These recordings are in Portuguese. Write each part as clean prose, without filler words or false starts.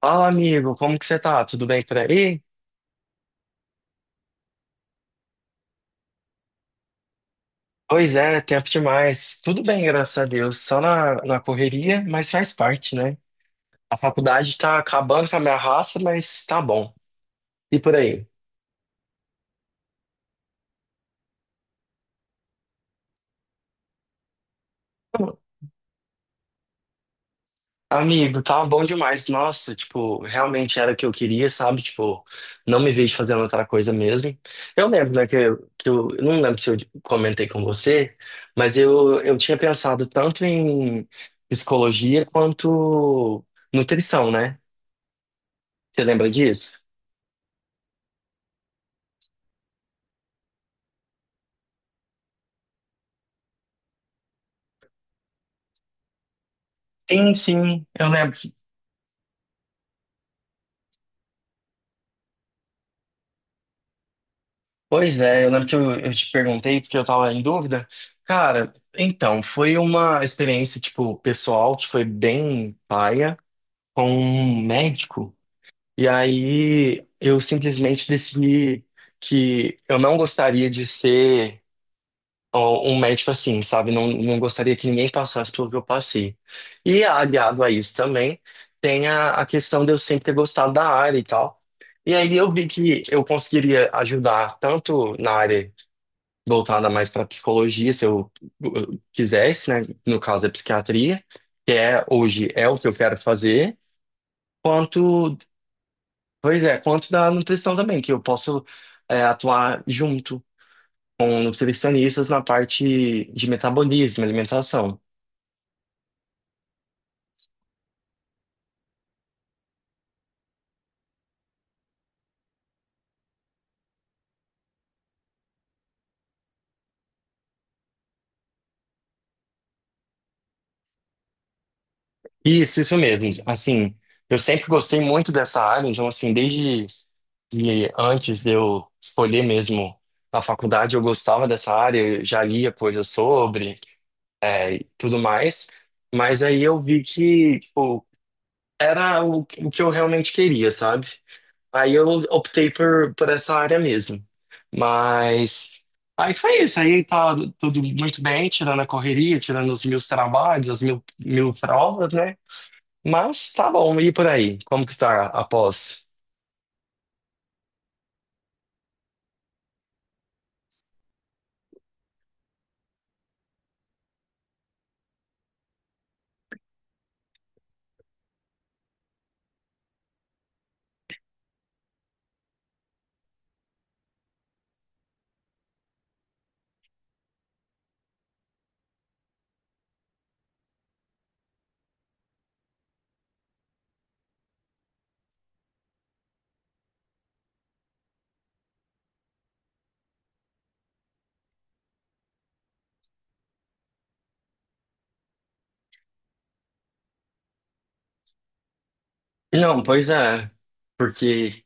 Fala, amigo, como que você tá? Tudo bem por aí? Pois é, tempo demais. Tudo bem, graças a Deus. Só na correria, mas faz parte, né? A faculdade tá acabando com a minha raça, mas tá bom. E por aí? Amigo, tá bom demais. Nossa, tipo, realmente era o que eu queria, sabe? Tipo, não me vejo fazendo outra coisa mesmo. Eu lembro, né, que eu não lembro se eu comentei com você, mas eu tinha pensado tanto em psicologia quanto nutrição, né? Você lembra disso? Sim, sim, eu lembro que. Pois é, eu lembro que eu te perguntei porque eu tava em dúvida. Cara, então, foi uma experiência, tipo, pessoal que foi bem paia com um médico. E aí eu simplesmente decidi que eu não gostaria de ser. Ó, um médico assim, sabe? Não, não gostaria que ninguém passasse pelo que eu passei. E aliado a isso também, tem a questão de eu sempre ter gostado da área e tal. E aí eu vi que eu conseguiria ajudar tanto na área voltada mais para psicologia, se eu quisesse, né? No caso é psiquiatria, que é hoje é o que eu quero fazer, quanto, pois é, quanto da nutrição também, que eu posso atuar junto com nutricionistas na parte de metabolismo, alimentação. Isso mesmo. Assim, eu sempre gostei muito dessa área, então, assim, desde que antes de eu escolher mesmo a faculdade, eu gostava dessa área, eu já lia coisas sobre, é, e tudo mais. Mas aí eu vi que, tipo, era o que eu realmente queria, sabe? Aí eu optei por essa área mesmo. Mas aí foi isso. Aí tá tudo muito bem, tirando a correria, tirando os meus trabalhos, as mil, mil provas, né? Mas tá bom, e por aí? Como que tá a pós? Não, pois é. Porque,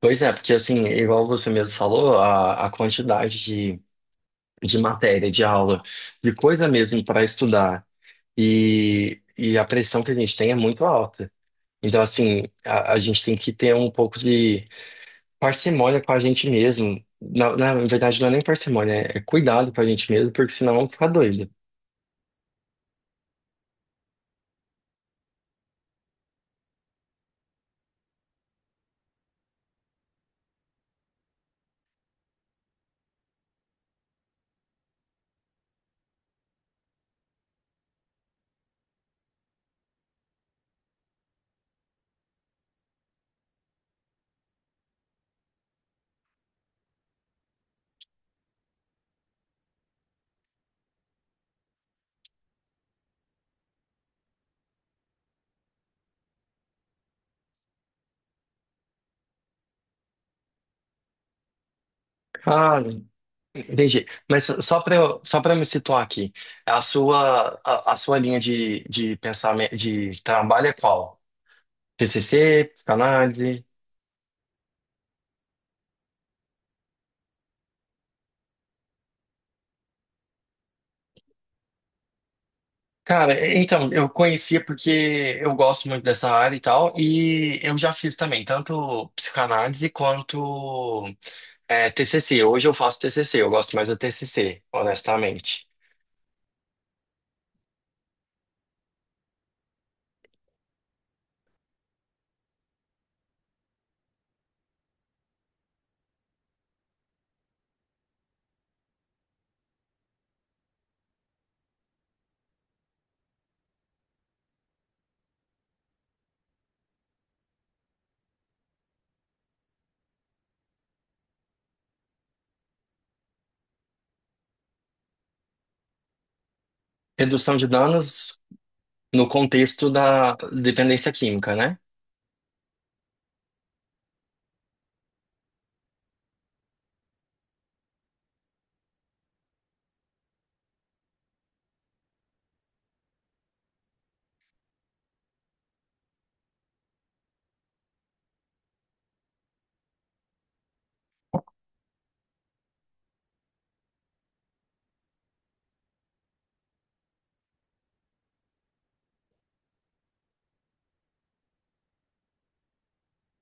pois é, porque assim, igual você mesmo falou, a quantidade de matéria, de aula, de coisa mesmo para estudar e a pressão que a gente tem é muito alta. Então, assim, a gente tem que ter um pouco de parcimônia com a gente mesmo. Na verdade, não é nem parcimônia, é é cuidado com a gente mesmo, porque senão vamos ficar doido. Ah, entendi. Mas só para eu, só para me situar aqui, a sua linha de pensamento, de trabalho é qual? TCC, psicanálise? Cara, é- então, eu conhecia porque eu gosto muito dessa área e tal, e eu já fiz também, tanto psicanálise quanto é, TCC. Hoje eu faço TCC. Eu gosto mais do TCC, honestamente. Redução de danos no contexto da dependência química, né?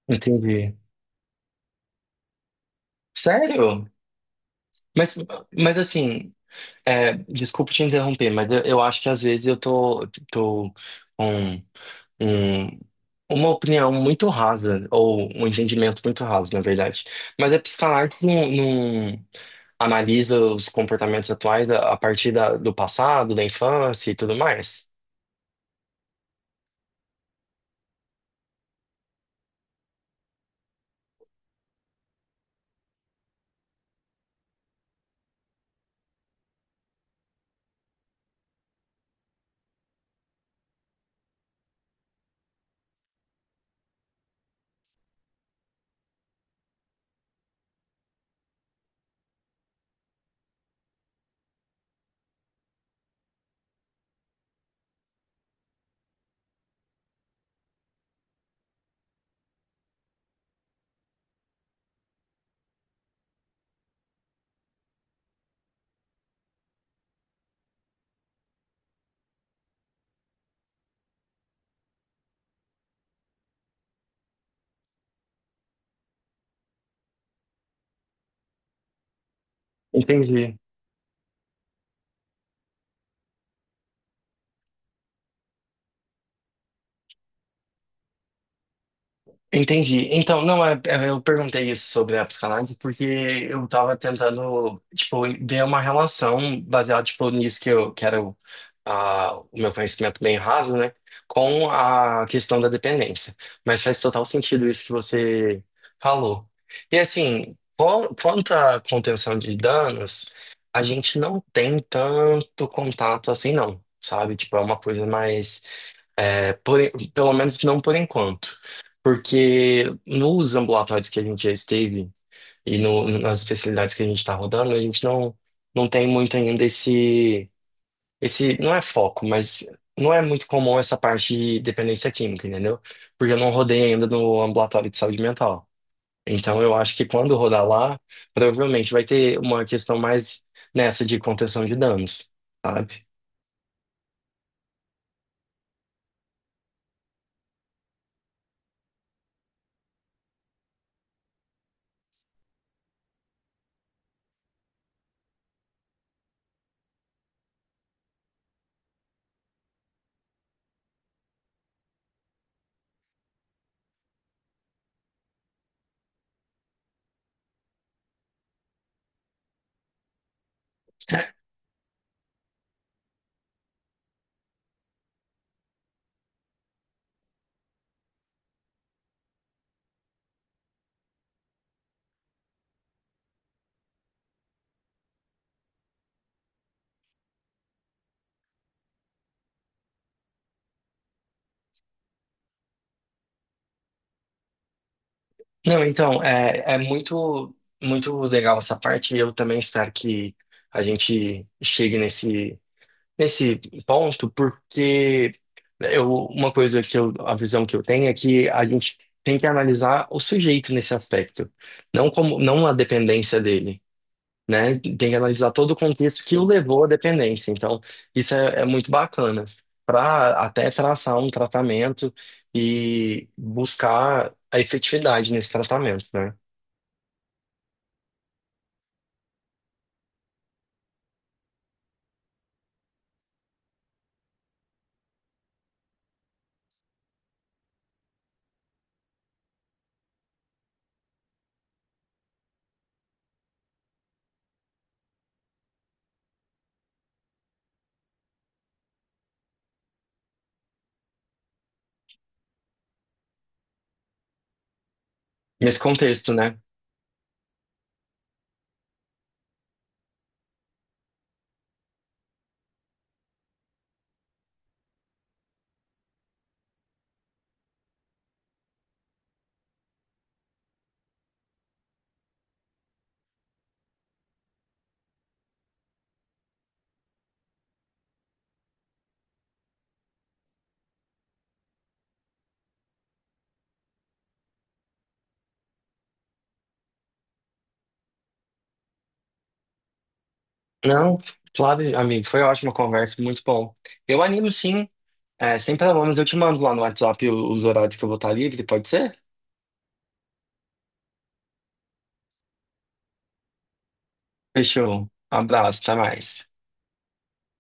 Entendi. Sério? Mas, mas assim, é, desculpa te interromper, mas eu acho que às vezes eu tô com um, uma opinião muito rasa, ou um entendimento muito raso, na verdade. Mas a psicanálise não, não analisa os comportamentos atuais a partir do passado, da infância e tudo mais. Entendi. Entendi. Então, não, eu perguntei isso sobre a psicanálise porque eu tava tentando, tipo, ver uma relação baseada, tipo, nisso que eu quero, ah, o meu conhecimento bem raso, né, com a questão da dependência. Mas faz total sentido isso que você falou. E assim, quanto à contenção de danos, a gente não tem tanto contato assim, não, sabe? Tipo, é uma coisa mais, é, por pelo menos não por enquanto. Porque nos ambulatórios que a gente já esteve e nas especialidades que a gente está rodando, a gente não, não tem muito ainda esse. Não é foco, mas não é muito comum essa parte de dependência química, entendeu? Porque eu não rodei ainda no ambulatório de saúde mental. Então eu acho que quando rodar lá, provavelmente vai ter uma questão mais nessa de contenção de danos, sabe? Não, então, é, é muito, muito legal essa parte. Eu também espero que a gente chegue nesse ponto, porque eu, uma coisa que eu, a visão que eu tenho é que a gente tem que analisar o sujeito nesse aspecto, não como, não a dependência dele, né? Tem que analisar todo o contexto que o levou à dependência. Então, isso é, é muito bacana para até traçar um tratamento e buscar a efetividade nesse tratamento, né? Nesse contexto, né? Não, claro, amigo, foi ótima conversa, muito bom. Eu animo sim, é, sem problemas, eu te mando lá no WhatsApp os horários que eu vou estar livre, pode ser? Fechou. Abraço, até mais.